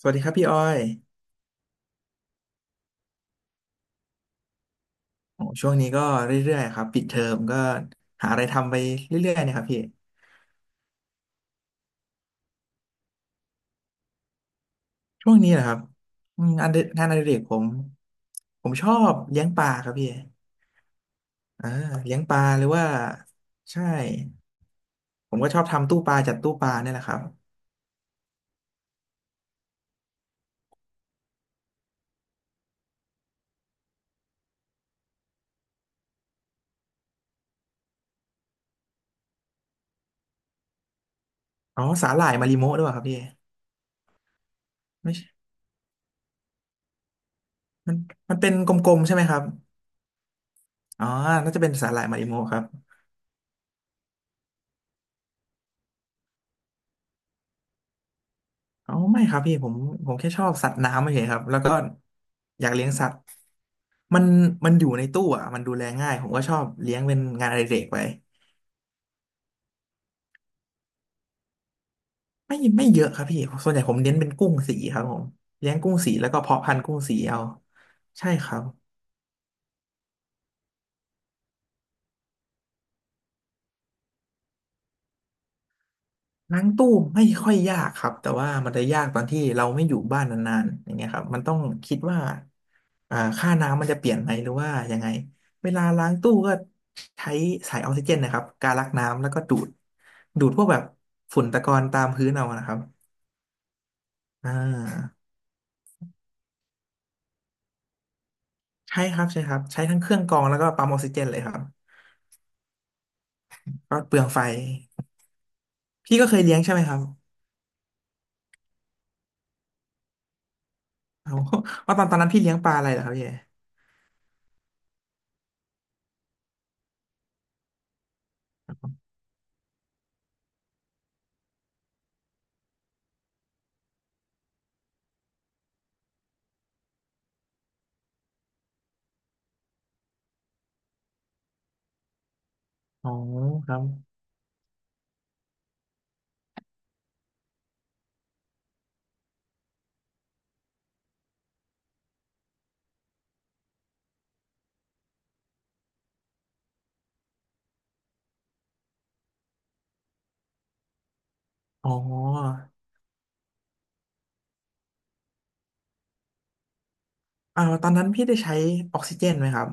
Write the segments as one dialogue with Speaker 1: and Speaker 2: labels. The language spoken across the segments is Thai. Speaker 1: สวัสดีครับพี่อ้อยโอ้ช่วงนี้ก็เรื่อยๆครับปิดเทอมก็หาอะไรทำไปเรื่อยๆเนะครับพี่ช่วงนี้เหรอครับอืมงานอดิเรกผมชอบเลี้ยงปลาครับพี่อ่าเลี้ยงปลาหรือว่าใช่ผมก็ชอบทำตู้ปลาจัดตู้ปลาเนี่ยแหละครับอ๋อสาหร่ายมาริโมะด้วยเหรอครับพี่ไม่ใช่มันมันเป็นกลมๆใช่ไหมครับอ๋อน่าจะเป็นสาหร่ายมาริโมะครับอ๋อไม่ครับพี่ผมแค่ชอบสัตว์น้ำเฉยๆครับแล้วก็อยากเลี้ยงสัตว์ มันมันอยู่ในตู้อ่ะมันดูแลง่ายผมก็ชอบเลี้ยงเป็นงานอดิเรกไปไม่เยอะครับพี่ส่วนใหญ่ผมเน้นเป็นกุ้งสีครับผมเลี้ยงกุ้งสีแล้วก็เพาะพันธุ์กุ้งสีเอาใช่ครับล้างตู้ไม่ค่อยยากครับแต่ว่ามันจะยากตอนที่เราไม่อยู่บ้านนานๆอย่างเงี้ยครับมันต้องคิดว่าค่าน้ำมันจะเปลี่ยนไหมหรือว่ายังไงเวลาล้างตู้ก็ใช้สายออกซิเจนนะครับการลักน้ำแล้วก็ดูดพวกแบบฝุ่นตะกอนตามพื้นเอานะครับอ่า ใช่ครับใช่ครับใช้ทั้งเครื่องกรองแล้วก็ปั๊มออกซิเจนเลยครับก็เปลืองไฟพี่ก็เคยเลี้ยงใช่ไหมครับเอาว่าตอนนั้นพี่เลี้ยงปลาอะไรเหรอครับเย่อ๋อครับอ๋อตอนนั้นพี่ได้ใช้ออกซิเจนไหมครับ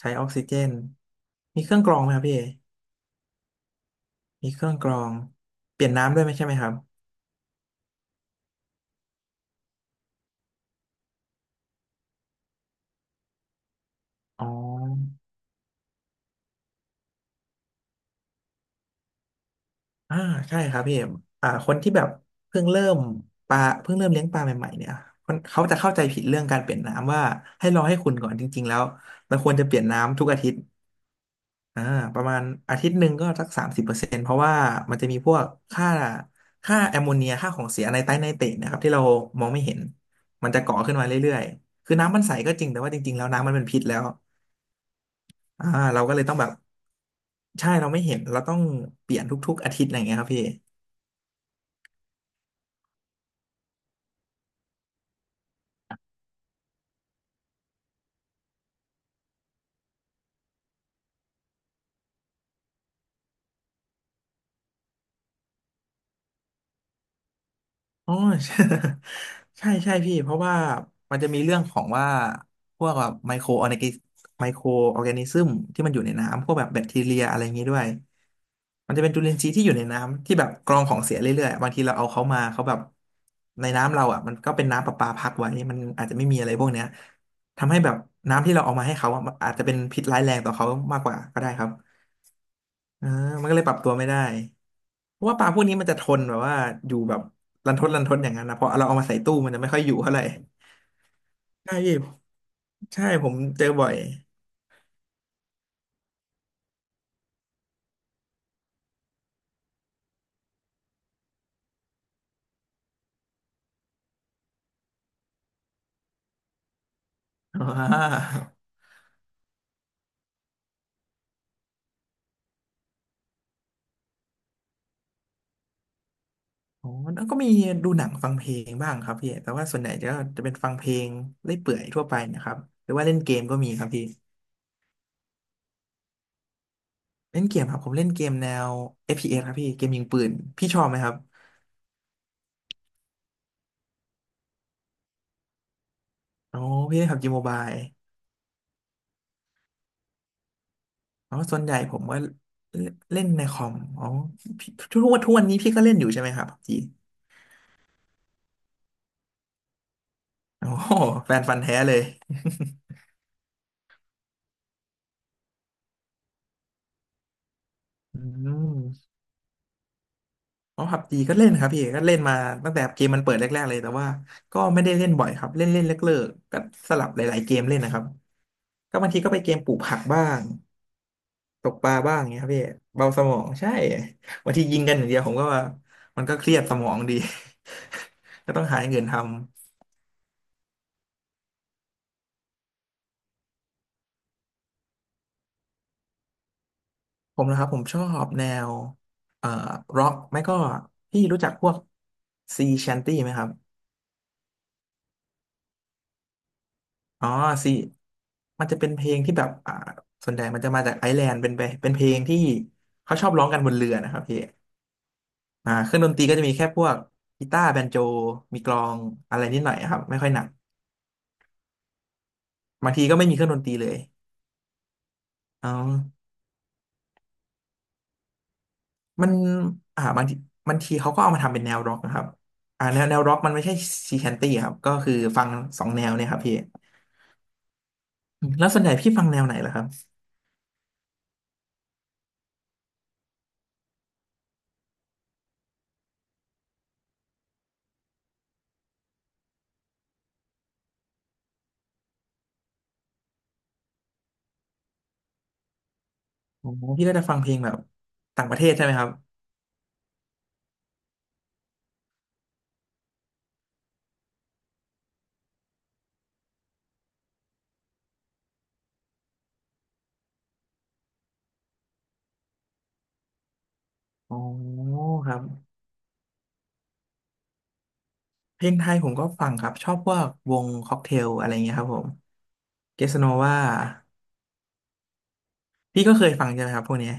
Speaker 1: ใช้ออกซิเจนมีเครื่องกรองไหมครับพี่มีเครื่องกรองเปลี่ยนน้ำด้วยไหมใช่ไหมครับอ๋อ อ่าใช่ครับพี่เอ็มคนที่แบบเพิ่งเริ่มปลาเพิ่งเริ่มเลี้ยงปลาใหม่ๆเนี่ยคนเขาจะเข้าใจผิดเรื่องการเปลี่ยนน้ำว่าให้รอให้คุณก่อนจริงๆแล้วมันควรจะเปลี่ยนน้ำทุกอาทิตย์อ่าประมาณอาทิตย์หนึ่งก็สัก30%เพราะว่ามันจะมีพวกค่าแอมโมเนียค่าของเสียในไตรไนเตรตนะครับที่เรามองไม่เห็นมันจะก่อขึ้นมาเรื่อยๆคือน้ำมันใสก็จริงแต่ว่าจริงๆแล้วน้ำมันเป็นพิษแล้วอ่าเราก็เลยต้องแบบใช่เราไม่เห็นเราต้องเปลี่ยนทุกๆอาทิตย์อะไรอย่างเงี้ยครับพี่ อ๋อ ใช่ ใช่ใช่พี่เพราะว่ามันจะมีเรื่องของว่าพวกแบบไมโครออร์แกนิซึมที่มันอยู่ในน้ำพวกแบบแบคทีเรียอะไรอย่างนี้ด้วยมันจะเป็นจุลินทรีย์ที่อยู่ในน้ำที่แบบกรองของเสียเรื่อยๆบางทีเราเอาเขามาเขาแบบในน้ำเราอ่ะมันก็เป็นน้ำประปาพักไว้มันอาจจะไม่มีอะไรพวกเนี้ยทำให้แบบน้ำที่เราเอามาให้เขาอะมันอาจจะเป็นพิษร้ายแรงต่อเขามากกว่าก็ได้ครับ อ่ามันก็เลยปรับตัวไม่ได้เพราะว่าปลาพวกนี้มันจะทนแบบว่าอยู่แบบรันทดรันทดอย่างนั้นนะเพราะเราเอามาใส่ตู้มันจะไม่ค่อยอยู่เท่าไหร่ใช่พี่ใช่ผมเจอบ่อยอ่าอ๋อแล้วก็มีดูหนังฟังเพลงบ้างครับพี่แต่ว่าส่วนใหญ่จะเป็นฟังเพลงเล่อยเปื่อยทั่วไปนะครับหรือว่าเล่นเกมก็มีครับพี่เล่นเกมครับผมเล่นเกมแนว FPS ครับพี่เกมยิงปืนพี่ชอบไหมครับอ๋อพี่เล่นผับจีโมบาย อ๋อส่วนใหญ่ผมว่าเล่นในคอมอ๋อพี่ทุกวันนี้พี่ก็เล่นอยู่ใช่ไหมครับพับจีโอ้โหแฟนฟันธุ์แท้เลยอืมอ๋อพับจีก็เล่นครับพี่ก็เล่นมาตั้งแต่เกมมันเปิดแรกๆเลยแต่ว่าก็ไม่ได้เล่นบ่อยครับเล่นเล่นเลิกๆก็สลับหลายๆเกมเล่นนะครับก็บางทีก็ไปเกมปลูกผักบ้างตกปลาบ้างอย่างเงี้ยครับพี่เบาสมองใช่ บางทียิงกันอย่างเดียวผมก็ว่ามันก็เครียดสมองดี ก็ต้องหาอย่างอื่นทำ ผมนะครับผมชอบแนวเอ่อร็อกไม่ก็พี่รู้จักพวกซีแชนตี้ไหมครับอ๋อซีมันจะเป็นเพลงที่แบบส่วนใหญ่มันจะมาจากไอร์แลนด์เป็นเพลงที่เขาชอบร้องกันบนเรือนะครับพี่อ่าเครื่องดนตรีก็จะมีแค่พวกกีตาร์แบนโจมีกลองอะไรนิดหน่อยครับไม่ค่อยหนักบางทีก็ไม่มีเครื่องดนตรีเลยอ๋อมันอ่าบางทีบางทีเขาก็เอามาทำเป็นแนวร็อกนะครับอ่าแนวร็อกมันไม่ใช่ซีแชนตี้ครับก็คือฟังสองแนวเนี่ยครับพี่ แล้วส่วนใหญ่พี่ฟังแนวไหนล่ะครับอ๋อพี่ก็จะฟังเพลงแบบต่างประเทศใช่ไหมครับอ๋อครับเพลงไทยผมก็ฟังครับชอบพวกวงค็อกเทลอะไรเงี้ยครับผมเกสโนวาพี่ก็เคยฟังใช่ไหมครับพวกเนี้ย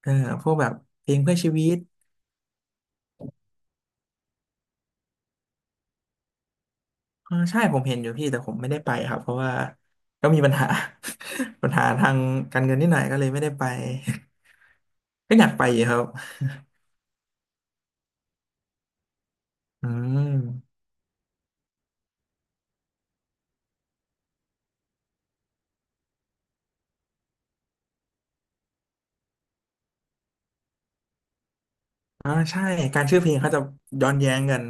Speaker 1: เออพวกแบบเพลงเพื่อชีวิตอ่าใช่ผมเห็นอยู่พี่แต่ผมไม่ได้ไปครับเพราะว่าก็มีปัญหา ปัญหาทางการเงินนิดหน่อยก็เลยไม่ได้ไป ก็อยากไปอยู่ครับ อืมอ่าใช่การชื่อเพลงเขาจะย้อนแย้งกัน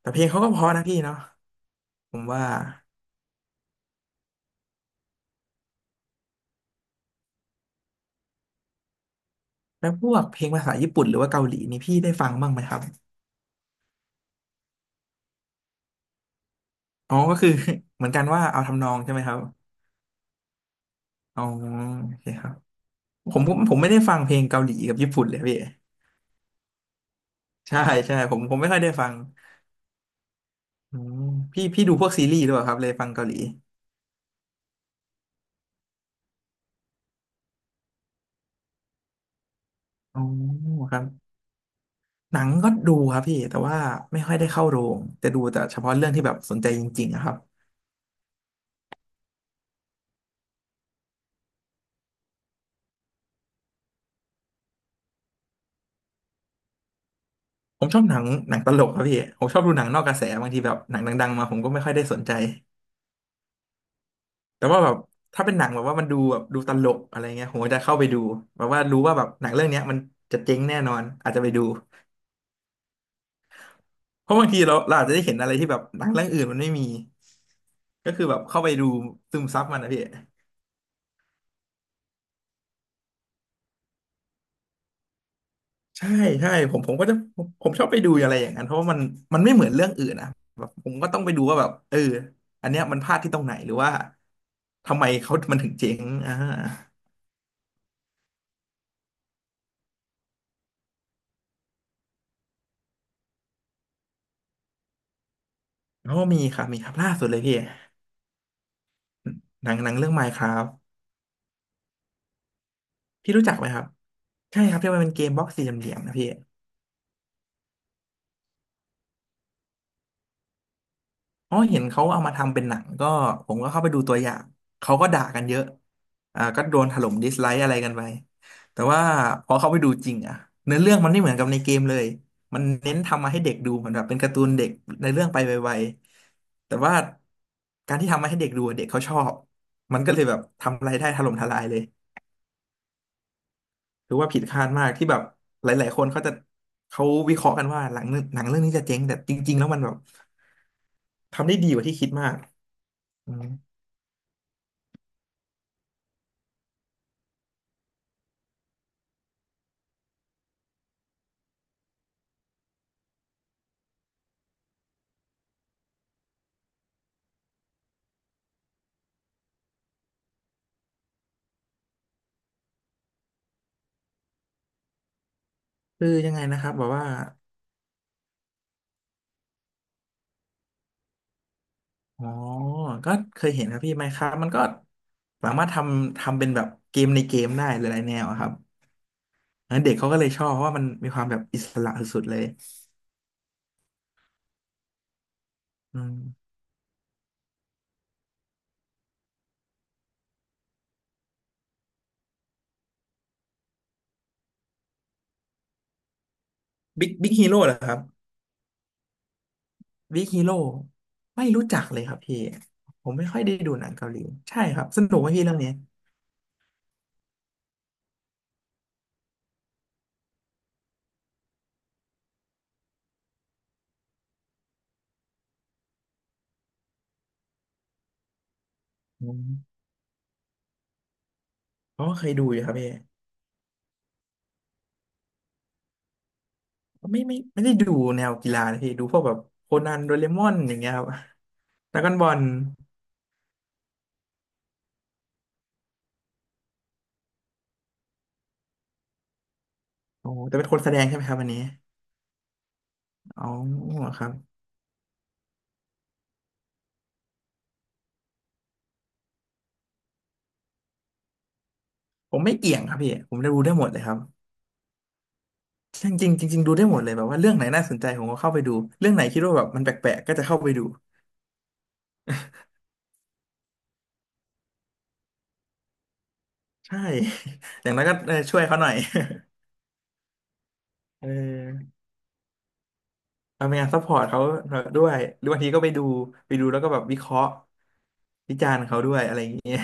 Speaker 1: แต่เพลงเขาก็เพราะนะพี่เนาะผมว่าแล้วพวกเพลงภาษาญี่ปุ่นหรือว่าเกาหลีนี่พี่ได้ฟังบ้างไหมครับอ๋อก็คือ เหมือนกันว่าเอาทำนองใช่ไหมครับอ๋อโอเคครับผมไม่ได้ฟังเพลงเกาหลีกับญี่ปุ่นเลยพี่ใช่ใช่ผมไม่ค่อยได้ฟังอืมพี่ดูพวกซีรีส์ด้วยครับเลยฟังเกาหลีอ๋อครับหนังก็ดูครับพี่แต่ว่าไม่ค่อยได้เข้าโรงจะดูแต่เฉพาะเรื่องที่แบบสนใจจริงๆอะครับผมชอบหนังตลกครับพี่ผมชอบดูหนังนอกกระแสบางทีแบบหนังดังๆมาผมก็ไม่ค่อยได้สนใจ แต่ว่าแบบถ้าเป็นหนังแบบว่ามันดูแบบดูตลกอะไรเงี้ยผมก็จะเข้าไปดูแบบว่ารู้ว่าแบบหนังเรื่องเนี้ยมันจะเจ๊งแน่นอนอาจจะไปดูเพราะบางทีเราอาจจะได้เห็นอะไรที่แบบหนังเรื่องอื่นมันไม่มีก็คือแบบเข้าไปดูซึมซับมันนะพี่ใช่ใช่ผมก็จะผมชอบไปดูอะไรอย่างนั้นเพราะว่ามันไม่เหมือนเรื่องอื่นนะแบบผมก็ต้องไปดูว่าแบบเอออันเนี้ยมันพลาดที่ตรงไหนหรือว่าทำไมเขามันถึงเจ๊งอ่าเพราะวามีครับล่าสุดเลยพี่หนังเรื่อง Minecraft พี่รู้จักไหมครับใช่ครับที่มันเป็นเกมบล็อกสี่เหลี่ยมๆนะพี่อ๋อเห็นเขาเอามาทำเป็นหนังก็ผมก็เข้าไปดูตัวอย่างเขาก็ด่ากันเยอะอ่าก็โดนถล่มดิสไลค์อะไรกันไปแต่ว่าพอเข้าไปดูจริงอะเนื้อเรื่องมันไม่เหมือนกับในเกมเลยมันเน้นทำมาให้เด็กดูเหมือนแบบเป็นการ์ตูนเด็กในเรื่องไปไวๆแต่ว่าการที่ทำมาให้เด็กดูอะเด็กเขาชอบมันก็เลยแบบทำรายได้ถล่มทลายเลย ถือว่าผิดคาดมากที่แบบหลายๆคนเขาจะเขาวิเคราะห์กันว่าหลังหนังเรื่องนี้จะเจ๊งแต่จริงๆ แล้วมันแบบทำได้ดีกว่าที่คิดมากอืมคือยังไงนะครับแบบว่าอ๋อก็เคยเห็นครับพี่ไมน์คราฟมันก็สามารถทำเป็นแบบเกมในเกมได้หลายๆแนวอะครับแล้วเด็กเขาก็เลยชอบเพราะว่ามันมีความแบบอิสระสุดๆเลยอืมบิ๊กฮีโร่เหรอครับบิ๊กฮีโร่ไม่รู้จักเลยครับพี่ผมไม่ค่อยได้ดูหนังเกาหลีใช่ครับสนุกไหมพี่เรื่องนี้อืม เพราะว่าเคยดูอยู่ครับพี่ไม่ได้ดูแนวกีฬานะพี่ดูพวกแบบโคนันโดเรมอนอย่างเงี้ยครับดราก้อนบอลโอ้แต่เป็นคนแสดงใช่ไหมครับอันนี้อ๋อครับผมไม่เกี่ยงครับพี่ผมได้ดูได้หมดเลยครับจริงจริงจริงๆดูได้หมดเลยแบบว่าเรื่องไหนน่าสนใจผมก็เข้าไปดูเรื่องไหนคิดว่าแบบมันแปลกๆก็จะเข้าไปดูใช่ อย่างนั้นก็เออช่วยเขาหน่อย เออทำงานซัพพอร์ตเขาด้วยหรือบางทีก็ไปดูแล้วก็แบบวิเคราะห์วิจารณ์เขาด้วยอะไรอย่างเงี้ย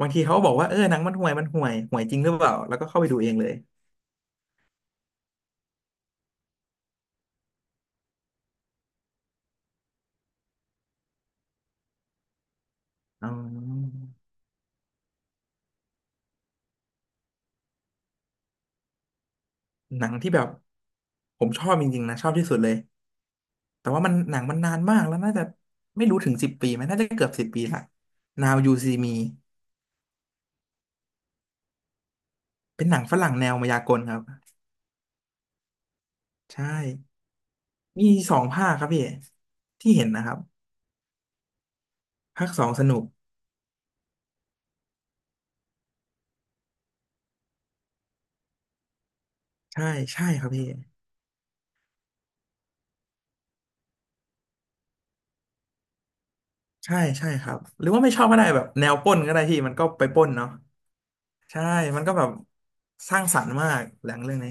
Speaker 1: บางทีเขาบอกว่าเออหนังมันห่วยห่วยจริงหรือเปล่าแล้วก็เข้าไปดูเองเลยอ๋อหนังที่แบบผมชอบจริงๆนะชอบที่สุดเลยแต่ว่ามันหนังมันนานมากแล้วน่าจะไม่รู้ถึงสิบปีไหมน่าจะเกือบสิบปีละ Now You See Me เป็นหนังฝรั่งแนวมายากลครับใช่มี2 ภาคครับพี่ที่เห็นนะครับภาค 2สนุกใช่ใช่ครับพี่ใช่ใช่ครับหรือว่าไม่ชอบก็ได้แบบแนวปล้นก็ได้พี่มันก็ไปปล้นเนาะใช่มันก็แบบสร้างสรรค์มากหนังเรื่องนี้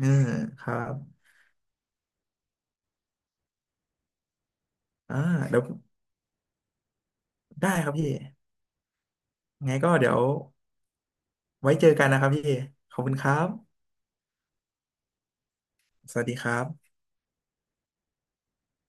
Speaker 1: อ่าครับอ่าเดี๋ยวได้ครับพี่ไงก็เดี๋ยวไว้เจอกันนะครับพี่ขอบคุณครับสวัสดีครับ